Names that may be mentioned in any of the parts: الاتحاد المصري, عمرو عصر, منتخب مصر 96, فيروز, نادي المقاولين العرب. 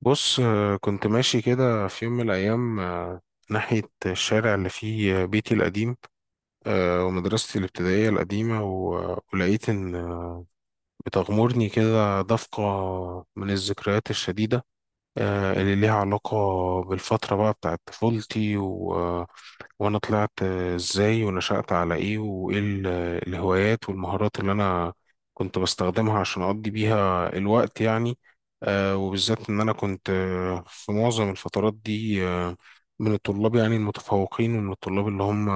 بص كنت ماشي كده في يوم من الأيام، ناحية الشارع اللي فيه بيتي القديم، ومدرستي الابتدائية القديمة ولقيت إن بتغمرني كده دفقة من الذكريات الشديدة، اللي ليها علاقة بالفترة بقى بتاعت طفولتي، و... آه، وأنا طلعت إزاي ونشأت على إيه، وإيه الهوايات والمهارات اللي أنا كنت بستخدمها عشان أقضي بيها الوقت يعني. وبالذات إن أنا كنت في معظم الفترات دي من الطلاب يعني المتفوقين، ومن الطلاب اللي هم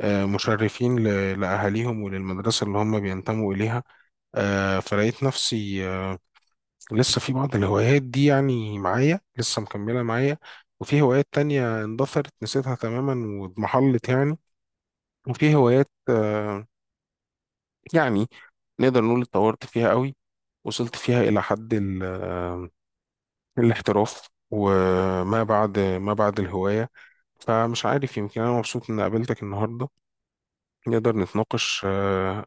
مشرفين لأهاليهم وللمدرسة اللي هم بينتموا إليها. فلقيت نفسي لسه في بعض الهوايات دي، يعني معايا لسه مكملة معايا، وفي هوايات تانية اندثرت نسيتها تماما واضمحلت يعني، وفي هوايات يعني نقدر نقول اتطورت فيها قوي، وصلت فيها إلى حد الاحتراف وما بعد ما بعد الهواية. فمش عارف، يمكن أنا مبسوط إن قابلتك النهاردة، نقدر نتناقش.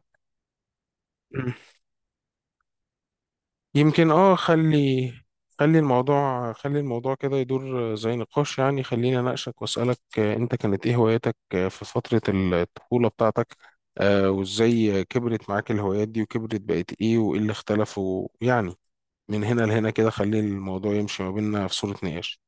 يمكن خلي الموضوع كده يدور زي نقاش يعني. خليني اناقشك واسالك، انت كانت ايه هواياتك في فتره الطفوله بتاعتك؟ وازاي كبرت معاك الهوايات دي وكبرت بقت ايه، وايه اللي اختلف، ويعني من هنا لهنا كده خلي الموضوع يمشي ما بيننا في صوره نقاش.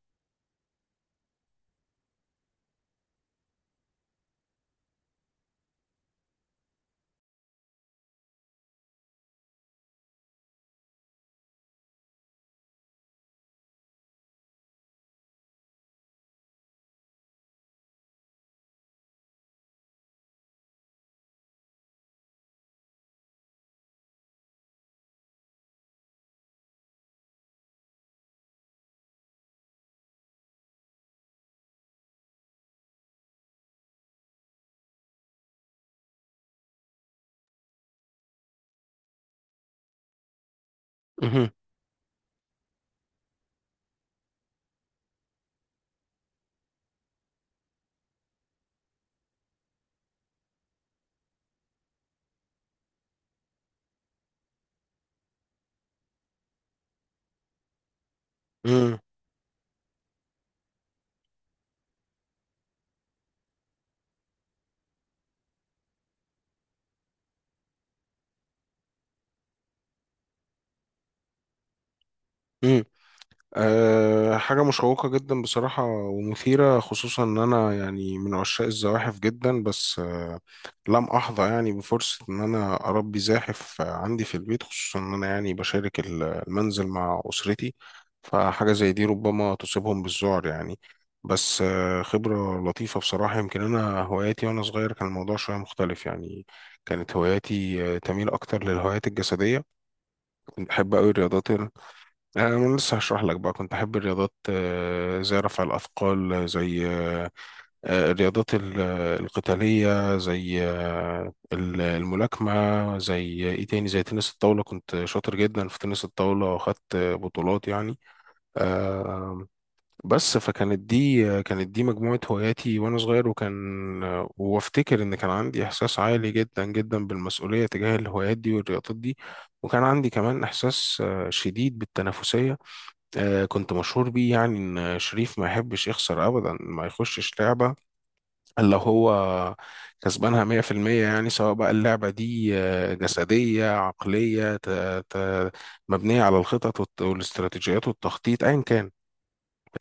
مهم. مم. حاجة مشوقة جدا بصراحة ومثيرة، خصوصا إن أنا يعني من عشاق الزواحف جدا، بس لم أحظى يعني بفرصة إن أنا أربي زاحف عندي في البيت، خصوصا إن أنا يعني بشارك المنزل مع أسرتي، فحاجة زي دي ربما تصيبهم بالذعر يعني. بس خبرة لطيفة بصراحة. يمكن أنا هواياتي وأنا صغير كان الموضوع شوية مختلف يعني. كانت هواياتي تميل أكتر للهوايات الجسدية، كنت بحب أوي الرياضات. أنا لسه هشرح لك بقى. كنت أحب الرياضات زي رفع الأثقال، آه، زي آه، آه، الرياضات القتالية زي الملاكمة، زي إيه تاني، زي تنس الطاولة. كنت شاطر جدا في تنس الطاولة، وأخدت بطولات يعني. آه، بس فكانت دي آه، كانت دي مجموعة هواياتي وأنا صغير، وكان وأفتكر إن كان عندي إحساس عالي جدا جدا بالمسؤولية تجاه الهوايات دي والرياضات دي، وكان عندي كمان إحساس شديد بالتنافسية. كنت مشهور بيه، يعني ان شريف ما يحبش يخسر ابدا، ما يخشش لعبه الا هو كسبانها 100%. يعني سواء بقى اللعبه دي جسديه، عقليه، ت- مبنيه على الخطط والاستراتيجيات والتخطيط، ايا كان،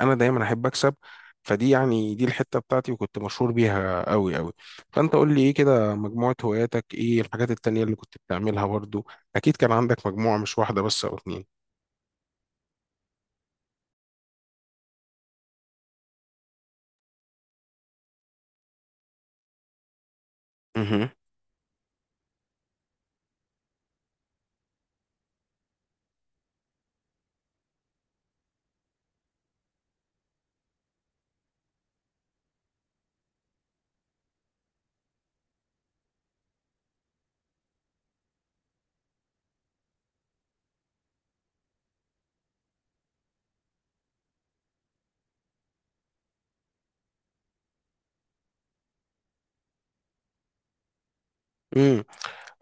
انا دايما احب اكسب. فدي يعني دي الحته بتاعتي، وكنت مشهور بيها قوي قوي. فانت قول لي ايه كده مجموعه هواياتك، ايه الحاجات التانيه اللي كنت بتعملها برضو؟ اكيد كان عندك مجموعه، مش واحده بس او اتنين. مهم.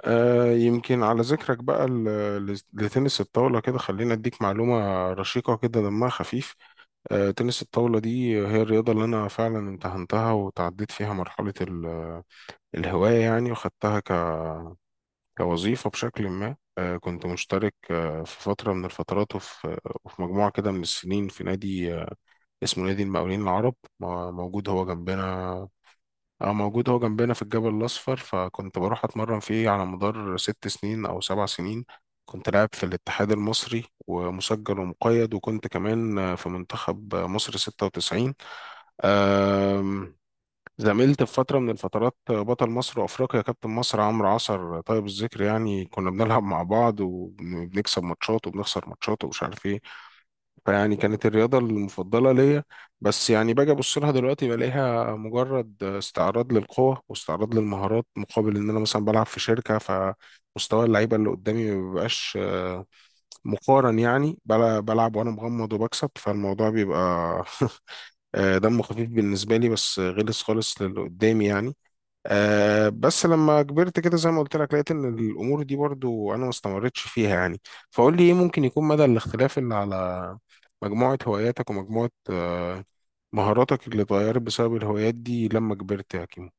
يمكن على ذكرك بقى لتنس الطاولة، كده خلينا اديك معلومة رشيقة كده دمها خفيف. تنس الطاولة دي هي الرياضة اللي انا فعلا امتهنتها وتعديت فيها مرحلة الهواية يعني، وخدتها كوظيفة بشكل ما. كنت مشترك في فترة من الفترات، وفي مجموعة كده من السنين في نادي اسمه نادي المقاولين العرب، موجود هو جنبنا. اه موجود هو جنبنا في الجبل الأصفر، فكنت بروح أتمرن فيه على مدار 6 سنين أو 7 سنين. كنت لاعب في الاتحاد المصري ومسجل ومقيد، وكنت كمان في منتخب مصر 96. أم، زميلت في فترة من الفترات بطل مصر وأفريقيا كابتن مصر عمرو عصر طيب الذكر، يعني كنا بنلعب مع بعض، وبنكسب ماتشات وبنخسر ماتشات، ومش عارف إيه. فيعني كانت الرياضة المفضلة ليا. بس يعني باجي أبص لها دلوقتي بلاقيها مجرد استعراض للقوة واستعراض للمهارات، مقابل إن أنا مثلا بلعب في شركة، فمستوى اللعيبة اللي قدامي ما بيبقاش مقارن يعني، بلعب وأنا مغمض وبكسب، فالموضوع بيبقى دمه خفيف بالنسبة لي، بس غلس خالص للي قدامي يعني. بس لما كبرت كده زي ما قلت لك، لقيت ان الامور دي برضو انا ما استمرتش فيها يعني. فقول لي ايه ممكن يكون مدى الاختلاف اللي على مجموعة هواياتك ومجموعة مهاراتك اللي اتغيرت بسبب الهوايات دي لما كبرت يا كيمو؟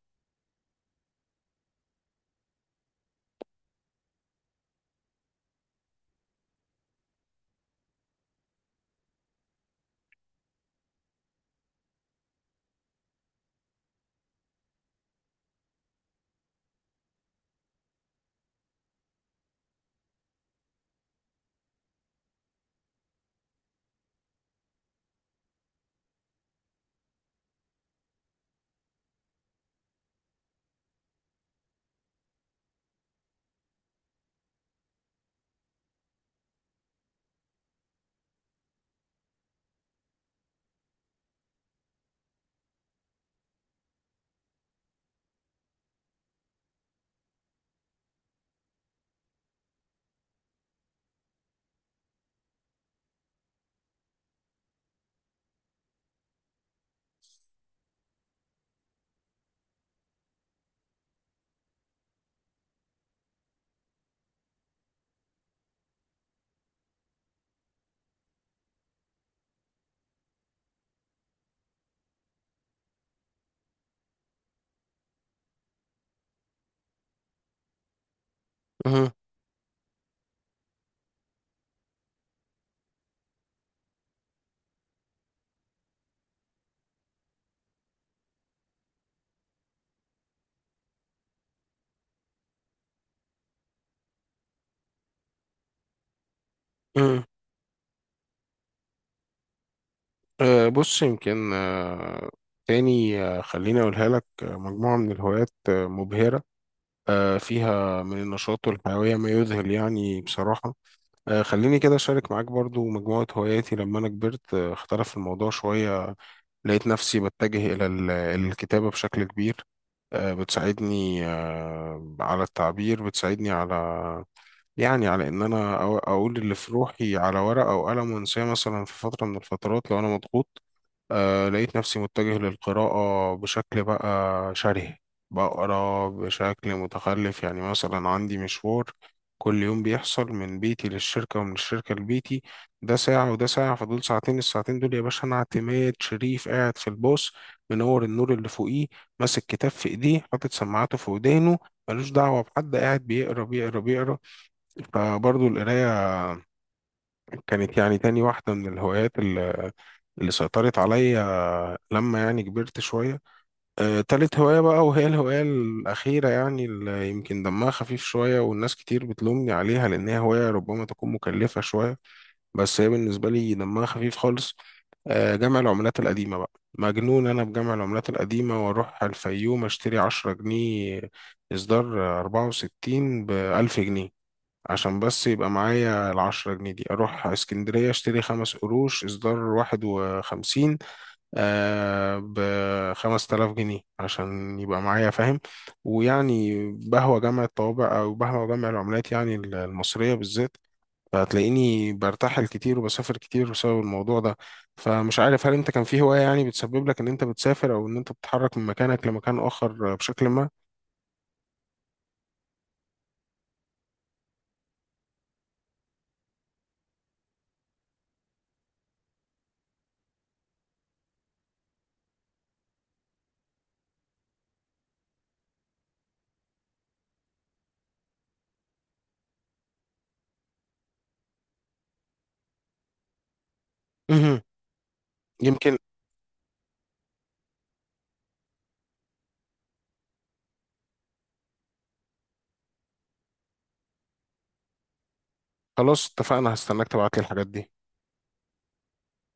مهم. مهم. بص، يمكن أه تاني أه خليني اقولها لك، مجموعة من الهوايات مبهرة، فيها من النشاط والحيوية ما يذهل يعني بصراحة. خليني كده أشارك معاك برضو مجموعة هواياتي لما أنا كبرت. اختلف الموضوع شوية، لقيت نفسي بتجه إلى الكتابة بشكل كبير. بتساعدني على التعبير، بتساعدني على يعني على إن أنا أقول اللي في روحي على ورقة أو قلم وأنساه، مثلا في فترة من الفترات لو أنا مضغوط. لقيت نفسي متجه للقراءة بشكل بقى شره، بقرا بشكل متخلف يعني. مثلا عندي مشوار كل يوم بيحصل من بيتي للشركة ومن الشركة لبيتي، ده ساعة وده ساعة، فدول ساعتين. الساعتين دول يا باشا، أنا اعتماد شريف قاعد في الباص، منور النور اللي فوقيه، ماسك كتاب في إيديه، حاطط سماعاته في ودانه، ملوش دعوة بحد، قاعد بيقرا بيقرا بيقرا. فبرضه القراية كانت يعني تاني واحدة من الهوايات اللي سيطرت عليا لما يعني كبرت شوية. تالت هواية بقى، وهي الهواية الأخيرة يعني، اللي يمكن دمها خفيف شوية والناس كتير بتلومني عليها، لأن هي هواية ربما تكون مكلفة شوية، بس هي بالنسبة لي دمها خفيف خالص. جمع العملات القديمة بقى. مجنون، أنا بجمع العملات القديمة وأروح الفيوم أشتري 10 جنيه إصدار 64 بألف جنيه، عشان بس يبقى معايا ال10 جنيه دي. أروح اسكندرية أشتري 5 قروش إصدار 51 ب 5000 جنيه، علشان يبقى معايا، فاهم؟ ويعني بهوى جمع الطوابع أو بهوى جمع العملات يعني المصرية بالذات، فهتلاقيني برتحل كتير وبسافر كتير بسبب الموضوع ده. فمش عارف، هل انت كان في هواية يعني بتسبب لك ان انت بتسافر، او ان انت بتتحرك من مكانك لمكان اخر بشكل ما؟ مهم. يمكن. خلاص اتفقنا، هستناك تبعت لي الحاجات دي.